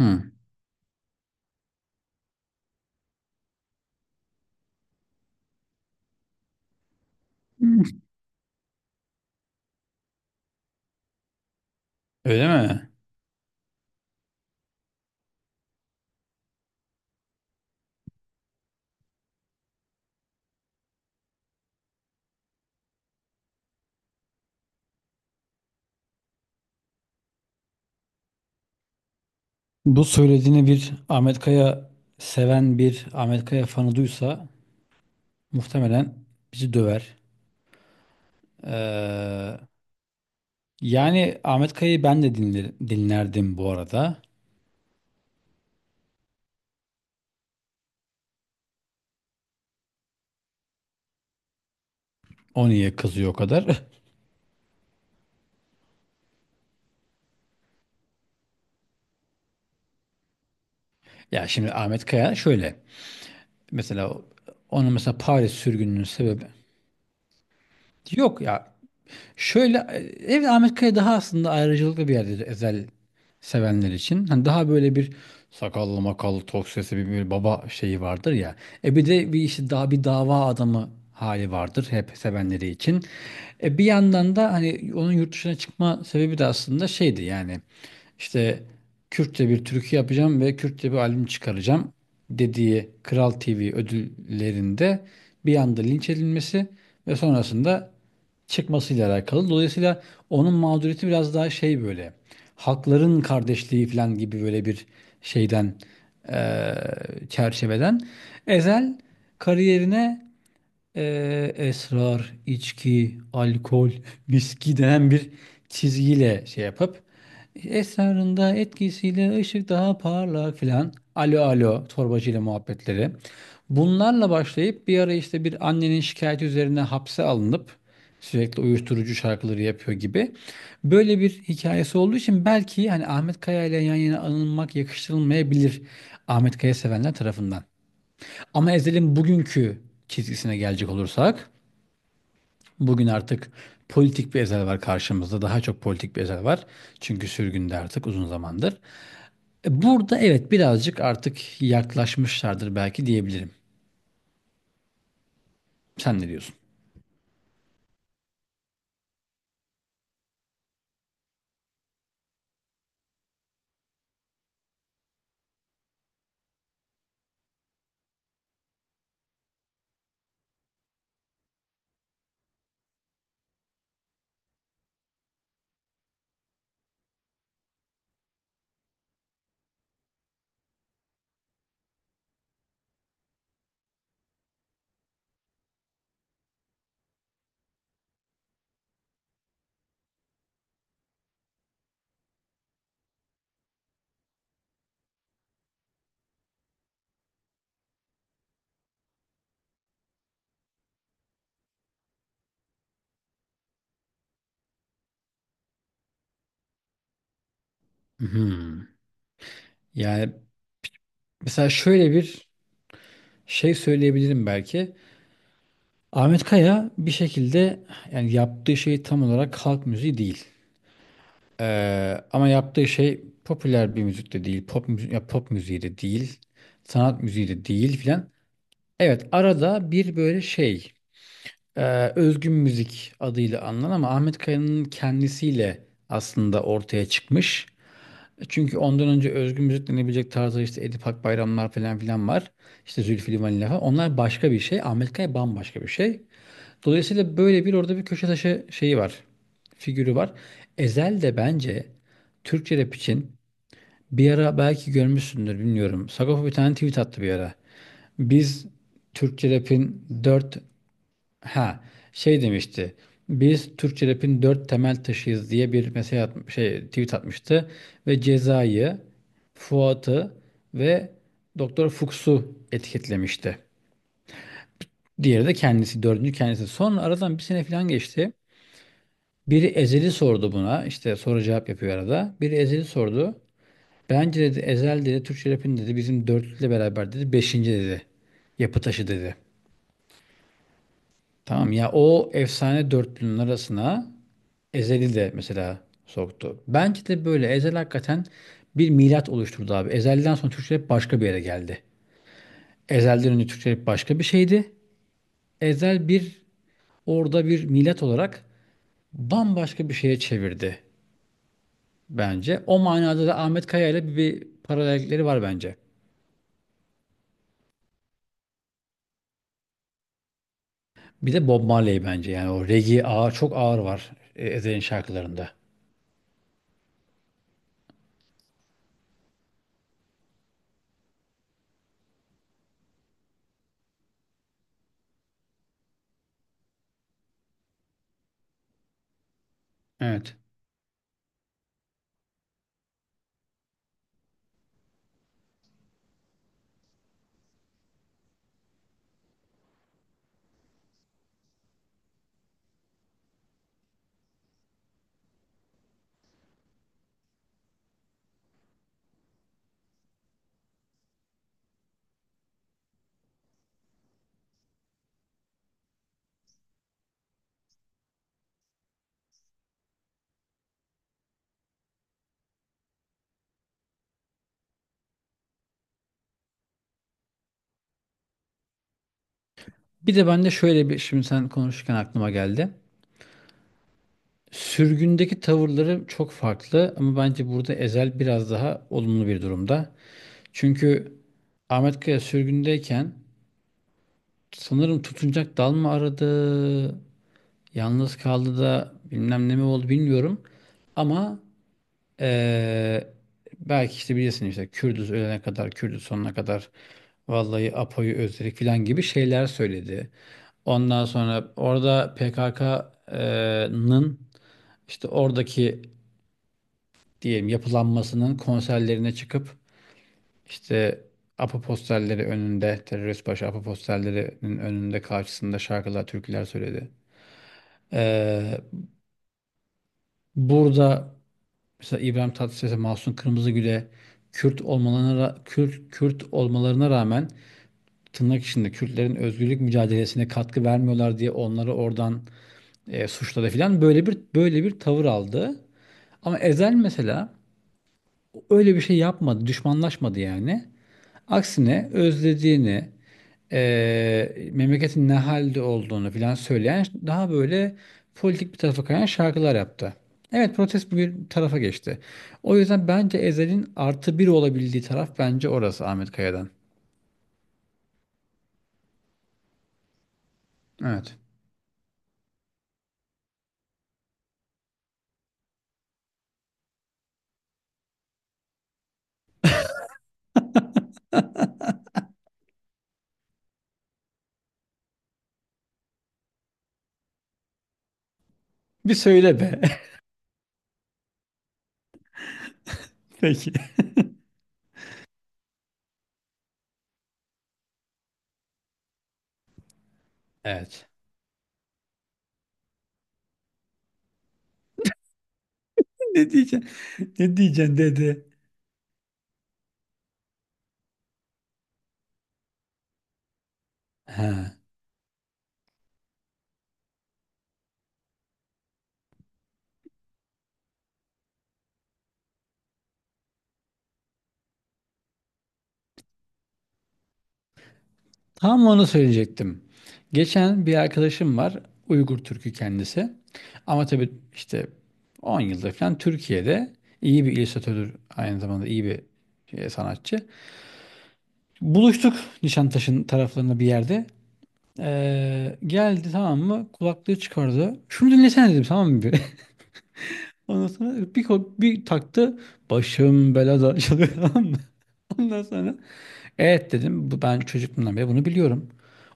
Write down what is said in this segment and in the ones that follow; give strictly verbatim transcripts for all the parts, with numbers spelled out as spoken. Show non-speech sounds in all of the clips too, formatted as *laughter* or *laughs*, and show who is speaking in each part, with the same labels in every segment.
Speaker 1: Hı. Hmm. Öyle mi? Bu söylediğini bir Ahmet Kaya seven bir Ahmet Kaya fanı duysa muhtemelen bizi döver. Ee, Yani Ahmet Kaya'yı ben de dinler, dinlerdim bu arada. O niye kızıyor o kadar? *laughs* Ya şimdi Ahmet Kaya şöyle. Mesela onun mesela Paris sürgününün sebebi, yok ya. Şöyle, evet, Ahmet Kaya daha aslında ayrıcalıklı bir yerdir Ezel sevenler için. Hani daha böyle bir sakallı makallı tok sesi bir, bir baba şeyi vardır ya. E bir de bir işte daha bir dava adamı hali vardır hep sevenleri için. E bir yandan da hani onun yurt dışına çıkma sebebi de aslında şeydi yani, işte, Kürtçe bir türkü yapacağım ve Kürtçe bir albüm çıkaracağım dediği Kral T V ödüllerinde bir anda linç edilmesi ve sonrasında çıkmasıyla alakalı. Dolayısıyla onun mağduriyeti biraz daha şey, böyle halkların kardeşliği falan gibi böyle bir şeyden, eee, çerçeveden. Ezel kariyerine, ee, esrar, içki, alkol, *laughs* viski denen bir çizgiyle şey yapıp, esrarında etkisiyle ışık daha parlak filan, alo alo torbacıyla muhabbetleri. Bunlarla başlayıp bir ara işte bir annenin şikayeti üzerine hapse alınıp sürekli uyuşturucu şarkıları yapıyor gibi. Böyle bir hikayesi olduğu için belki hani Ahmet Kaya ile yan yana anılmak yakıştırılmayabilir Ahmet Kaya sevenler tarafından. Ama Ezel'in bugünkü çizgisine gelecek olursak, bugün artık politik bir Ezel var karşımızda. Daha çok politik bir Ezel var. Çünkü sürgünde artık uzun zamandır. E, burada evet birazcık artık yaklaşmışlardır belki diyebilirim. Sen ne diyorsun? Hmm. Yani mesela şöyle bir şey söyleyebilirim belki. Ahmet Kaya bir şekilde, yani yaptığı şey tam olarak halk müziği değil. Ee, ama yaptığı şey popüler bir müzik de değil, pop müzi ya pop müziği de değil, sanat müziği de değil filan. Evet, arada bir böyle şey, e, özgün müzik adıyla anılan ama Ahmet Kaya'nın kendisiyle aslında ortaya çıkmış. Çünkü ondan önce özgün müzik denebilecek tarzda işte Edip Akbayramlar falan filan var. İşte Zülfü Livaneli falan. Onlar başka bir şey. Ahmet Kaya bambaşka bir şey. Dolayısıyla böyle bir orada bir köşe taşı şeyi var. Figürü var. Ezel de bence Türkçe rap için, bir ara belki görmüşsündür bilmiyorum, Sagopa bir tane tweet attı bir ara. Biz Türkçe rap'in dört ha Şey demişti. Biz Türkçe rap'in dört temel taşıyız diye bir mesaj at, şey, tweet atmıştı ve Ceza'yı, Fuat'ı ve Doktor Fuchs'u etiketlemişti. Diğeri de kendisi, dördüncü kendisi. Sonra aradan bir sene falan geçti. Biri ezeli sordu buna. İşte soru cevap yapıyor arada. Biri ezeli sordu. Bence dedi, ezel dedi, Türkçe rapin dedi, bizim dörtlükle beraber dedi, beşinci dedi. Yapı taşı dedi. Tamam ya, o efsane dörtlünün arasına ezeli de mesela soktu. Bence de böyle ezel hakikaten bir milat oluşturdu abi. Ezelden sonra Türkçe rap başka bir yere geldi. Ezhel'den önce Türkçe rap başka bir şeydi. Ezel bir orada bir milat olarak bambaşka bir şeye çevirdi bence. O manada da Ahmet Kaya ile bir, bir paralellikleri var bence. Bir de Bob Marley bence, yani o reggae ağır, çok ağır var, e, Ezhel'in şarkılarında. Evet. Bir de ben de şöyle bir, şimdi sen konuşurken aklıma geldi. Sürgündeki tavırları çok farklı ama bence burada Ezel biraz daha olumlu bir durumda. Çünkü Ahmet Kaya sürgündeyken sanırım tutunacak dal mı aradı, yalnız kaldı da bilmem ne mi oldu bilmiyorum. Ama Ee, belki işte bilirsin işte Kürdüz ölene kadar, Kürdüz sonuna kadar, vallahi Apo'yu özledik filan gibi şeyler söyledi. Ondan sonra orada P K K'nın işte oradaki diyelim yapılanmasının konserlerine çıkıp işte APO posterleri önünde, terörist başı APO posterlerinin önünde, karşısında şarkılar, türküler söyledi. Ee, Burada mesela İbrahim Tatlıses'e, Mahsun Kırmızıgül'e Kürt olmalarına, Kürt, Kürt olmalarına rağmen tırnak içinde Kürtlerin özgürlük mücadelesine katkı vermiyorlar diye onları oradan e, suçladı filan, böyle bir böyle bir tavır aldı. Ama Ezel mesela öyle bir şey yapmadı, düşmanlaşmadı yani. Aksine özlediğini, eee, memleketin ne halde olduğunu filan söyleyen daha böyle politik bir tarafa kayan şarkılar yaptı. Evet, protest bir tarafa geçti. O yüzden bence Ezel'in artı bir olabildiği taraf bence orası, Ahmet Kaya'dan. Evet. Bir söyle be. *laughs* Peki. *laughs* Evet. Ne diyeceksin? Ne diyeceksin dedi. Ha. Tam onu söyleyecektim. Geçen bir arkadaşım var. Uygur Türk'ü kendisi. Ama tabii işte on yıldır falan Türkiye'de, iyi bir illüstratördür. Aynı zamanda iyi bir şey, sanatçı. Buluştuk Nişantaşı'nın taraflarında bir yerde. Ee, geldi, tamam mı? Kulaklığı çıkardı. Şunu dinlesene dedim, tamam mı? Bir? *laughs* Ondan sonra bir, ko- bir taktı. Başım belada *laughs* çalıyor, tamam mı? *laughs* Ondan sonra evet dedim. Bu, ben çocukluğumdan beri bunu biliyorum.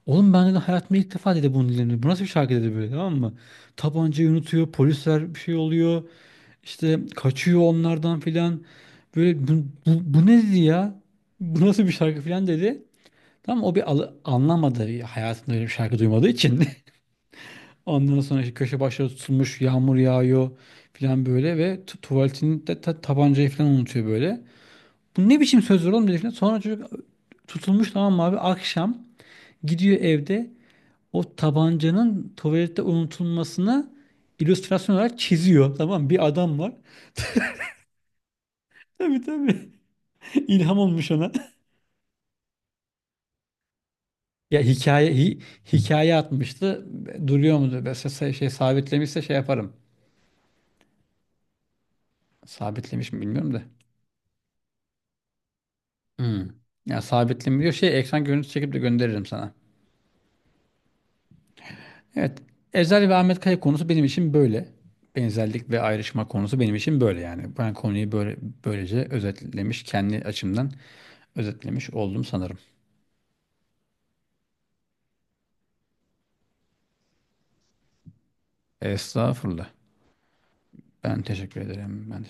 Speaker 1: Oğlum ben de hayatımda ilk defa dedi bunu dinledim. Bu nasıl bir şarkı dedi böyle, tamam mı? Tabancayı unutuyor, polisler bir şey oluyor. İşte kaçıyor onlardan filan. Böyle bu, bu, bu ne dedi ya? Bu nasıl bir şarkı filan dedi. Tamam o bir al- anlamadı hayatında öyle bir şarkı duymadığı için. *laughs* Ondan sonra işte köşe başları tutulmuş, yağmur yağıyor filan böyle, ve tu- tuvaletinde ta- tabancayı filan unutuyor böyle. Bu ne biçim sözler oğlum dedi filan. Sonra çocuk e, tutulmuş tamam mı abi, akşam gidiyor evde, o tabancanın tuvalette unutulmasına illüstrasyon olarak çiziyor. Tamam mı? Bir adam var. Tabii tabii. *laughs* İlham olmuş ona. *laughs* Ya hikaye hi- hikaye atmıştı. Duruyor mudur? Mesela şey sabitlemişse şey yaparım. Sabitlemiş mi bilmiyorum da. Hmm. Ya sabitlemiyor. Şey, ekran görüntüsü çekip de gönderirim sana. Evet. Ezel ve Ahmet Kaya konusu benim için böyle. Benzerlik ve ayrışma konusu benim için böyle yani. Ben konuyu böyle böylece özetlemiş, kendi açımdan özetlemiş oldum sanırım. Estağfurullah. Ben teşekkür ederim. Ben